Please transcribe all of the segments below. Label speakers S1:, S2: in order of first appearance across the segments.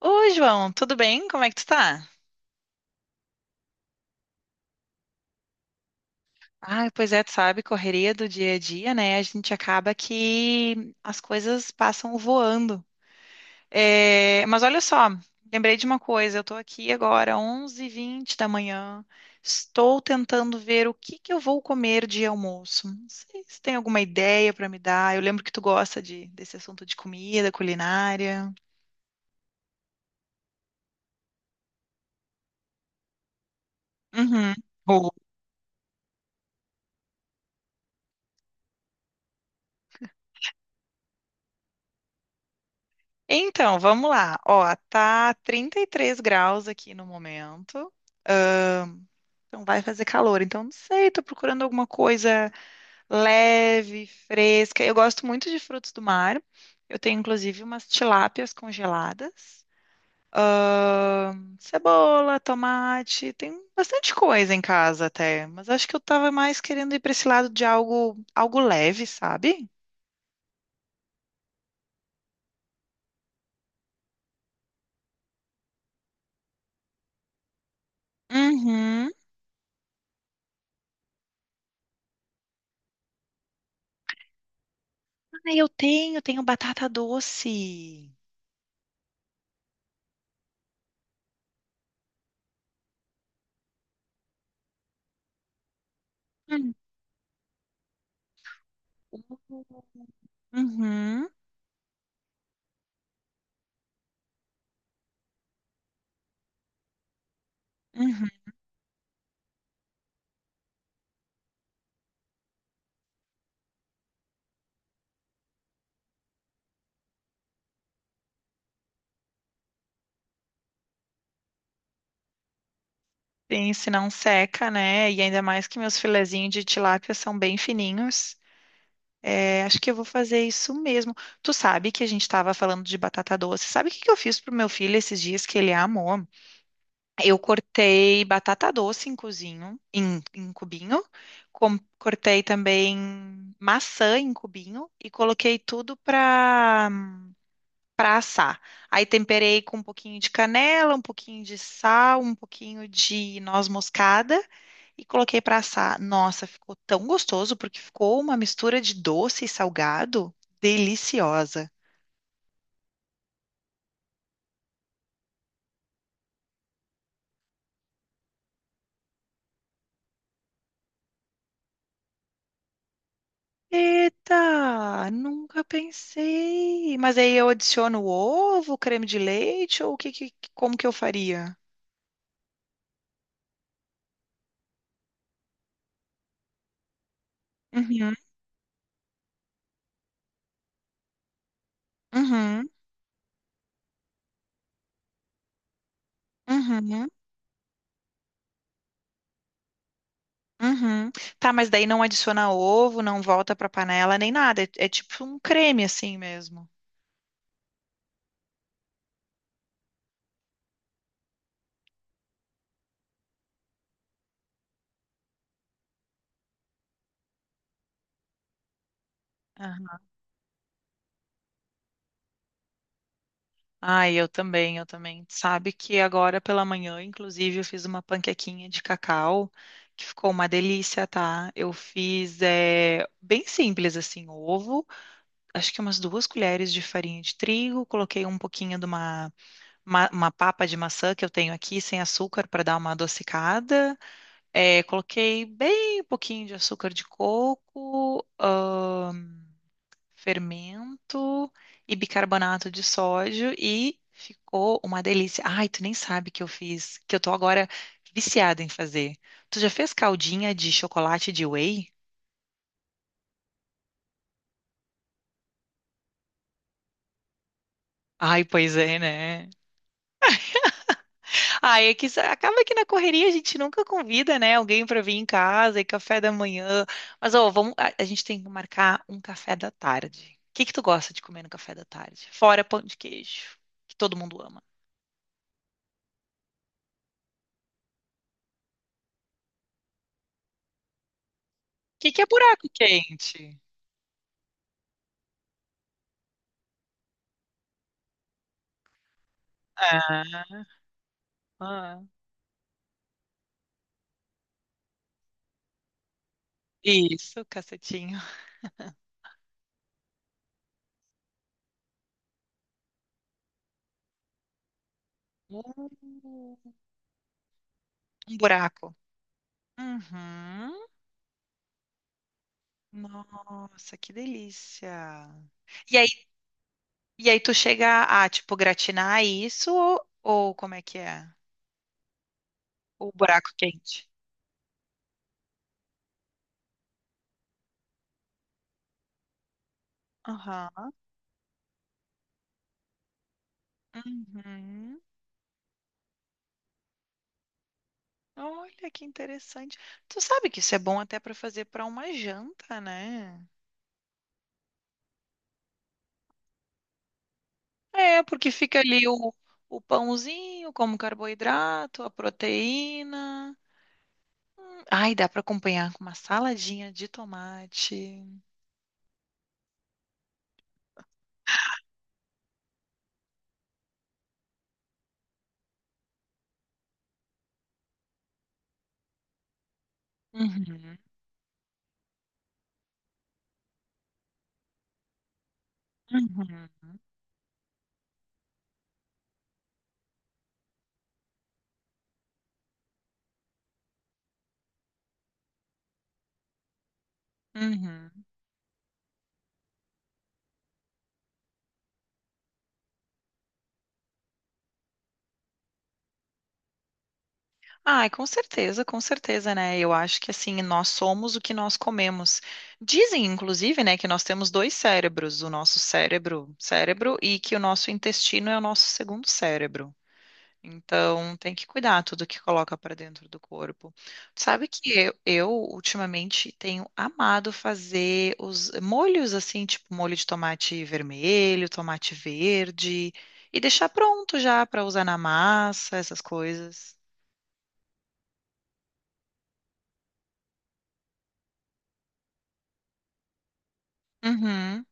S1: Oi, João, tudo bem? Como é que tu tá? Ah, pois é, tu sabe, correria do dia a dia, né? A gente acaba que as coisas passam voando. É, mas olha só, lembrei de uma coisa, eu tô aqui agora, onze h 20 da manhã, estou tentando ver o que que eu vou comer de almoço. Não sei se tem alguma ideia pra me dar. Eu lembro que tu gosta desse assunto de comida, culinária. Uhum. Então, vamos lá. Ó, tá 33 graus aqui no momento. Ah, então vai fazer calor. Então, não sei, tô procurando alguma coisa leve, fresca. Eu gosto muito de frutos do mar. Eu tenho, inclusive, umas tilápias congeladas. Cebola, tomate, tem bastante coisa em casa até, mas acho que eu tava mais querendo ir para esse lado de algo leve, sabe? Uhum. Ah, eu tenho, tenho batata doce. Uhum, uhum. Sim, se não seca, né? E ainda mais que meus filezinhos de tilápia são bem fininhos. É, acho que eu vou fazer isso mesmo. Tu sabe que a gente estava falando de batata doce. Sabe o que que eu fiz pro meu filho esses dias que ele amou? Eu cortei batata doce em cozinho, em cubinho. Cortei também maçã em cubinho e coloquei tudo para assar. Aí temperei com um pouquinho de canela, um pouquinho de sal, um pouquinho de noz moscada e coloquei para assar. Nossa, ficou tão gostoso porque ficou uma mistura de doce e salgado deliciosa. Eita, nunca pensei. Mas aí eu adiciono ovo, creme de leite ou o que, como que eu faria? Uhum, uhum, uhum, uhum. Tá, mas daí não adiciona ovo, não volta pra panela nem nada. É, é tipo um creme assim mesmo. Aham. Ai, eu também, eu também. Sabe que agora pela manhã, inclusive, eu fiz uma panquequinha de cacau que ficou uma delícia, tá? Eu fiz é, bem simples assim, ovo, acho que umas duas colheres de farinha de trigo, coloquei um pouquinho de uma, uma papa de maçã que eu tenho aqui sem açúcar para dar uma adocicada. É, coloquei bem pouquinho de açúcar de coco, fermento e bicarbonato de sódio e ficou uma delícia. Ai, tu nem sabe que eu fiz, que eu tô agora viciada em fazer. Tu já fez caldinha de chocolate de whey? Ai, pois é, né? Ah, é que acaba que na correria a gente nunca convida, né, alguém para vir em casa e café da manhã. Mas ó, vamos, a gente tem que marcar um café da tarde. O que que tu gosta de comer no café da tarde? Fora pão de queijo, que todo mundo ama. O que que é buraco quente? Ah, ah, isso, cacetinho. Uh, Um buraco. Uhum. Nossa, que delícia. E aí, e aí tu chega a, tipo, gratinar isso ou como é que é? O buraco quente. Aham. Uhum. Olha que interessante. Tu sabe que isso é bom até para fazer para uma janta, né? É, porque fica ali o, pãozinho como carboidrato, a proteína. Hum. Ai, dá para acompanhar com uma saladinha de tomate. Uhum. Uhum. Uhum. Ai, com certeza, né? Eu acho que assim, nós somos o que nós comemos. Dizem, inclusive, né, que nós temos dois cérebros, o nosso cérebro, e que o nosso intestino é o nosso segundo cérebro. Então, tem que cuidar tudo que coloca para dentro do corpo. Sabe que eu ultimamente tenho amado fazer os molhos assim, tipo molho de tomate vermelho, tomate verde, e deixar pronto já para usar na massa, essas coisas. Uhum.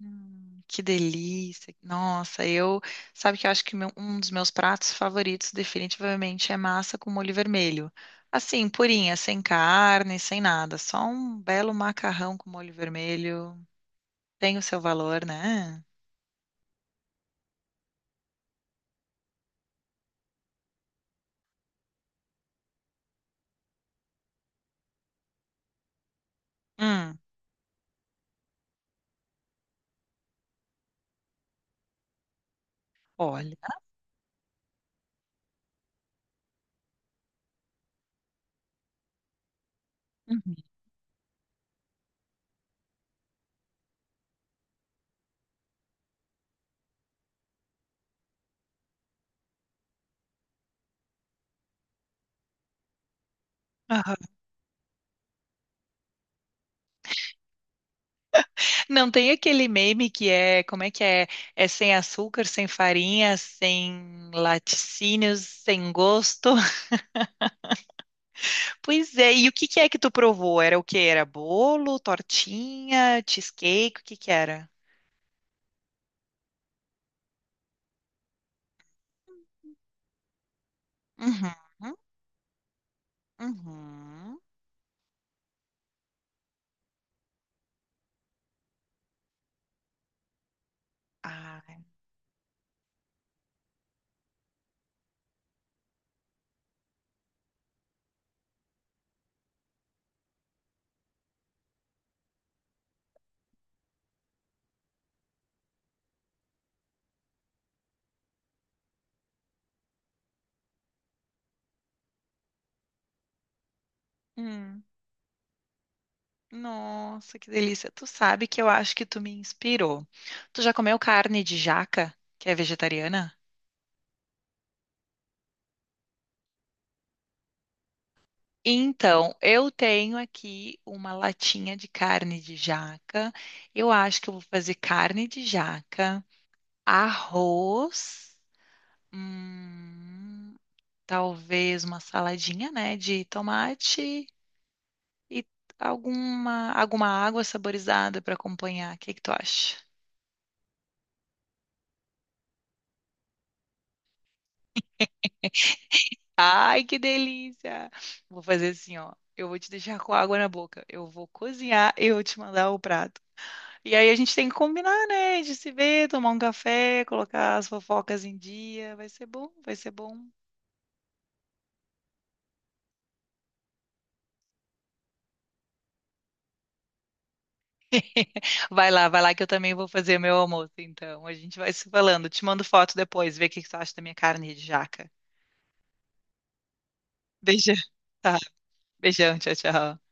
S1: Que delícia. Nossa, eu, sabe que eu acho que um dos meus pratos favoritos definitivamente é massa com molho vermelho. Assim, purinha, sem carne, sem nada, só um belo macarrão com molho vermelho. Tem o seu valor, né? Hum, olha. Uhum. Aham. Não tem aquele meme que é, como é que é? É sem açúcar, sem farinha, sem laticínios, sem gosto. Pois é, e o que que é que tu provou? Era o que? Era bolo, tortinha, cheesecake? O que que era? Uhum, uhum. Ai, hum. Nossa, que delícia. Tu sabe que eu acho que tu me inspirou. Tu já comeu carne de jaca, que é vegetariana? Então, eu tenho aqui uma latinha de carne de jaca. Eu acho que eu vou fazer carne de jaca, arroz. Hum, talvez uma saladinha, né, de tomate e alguma água saborizada para acompanhar. O que que tu acha? Ai, que delícia! Vou fazer assim, ó. Eu vou te deixar com água na boca. Eu vou cozinhar e eu vou te mandar o prato. E aí a gente tem que combinar, né? De se ver, tomar um café, colocar as fofocas em dia. Vai ser bom, vai ser bom. Vai lá que eu também vou fazer meu almoço, então. A gente vai se falando. Te mando foto depois, ver o que que tu acha da minha carne de jaca. Beijo. Tá. Beijão, tchau, tchau.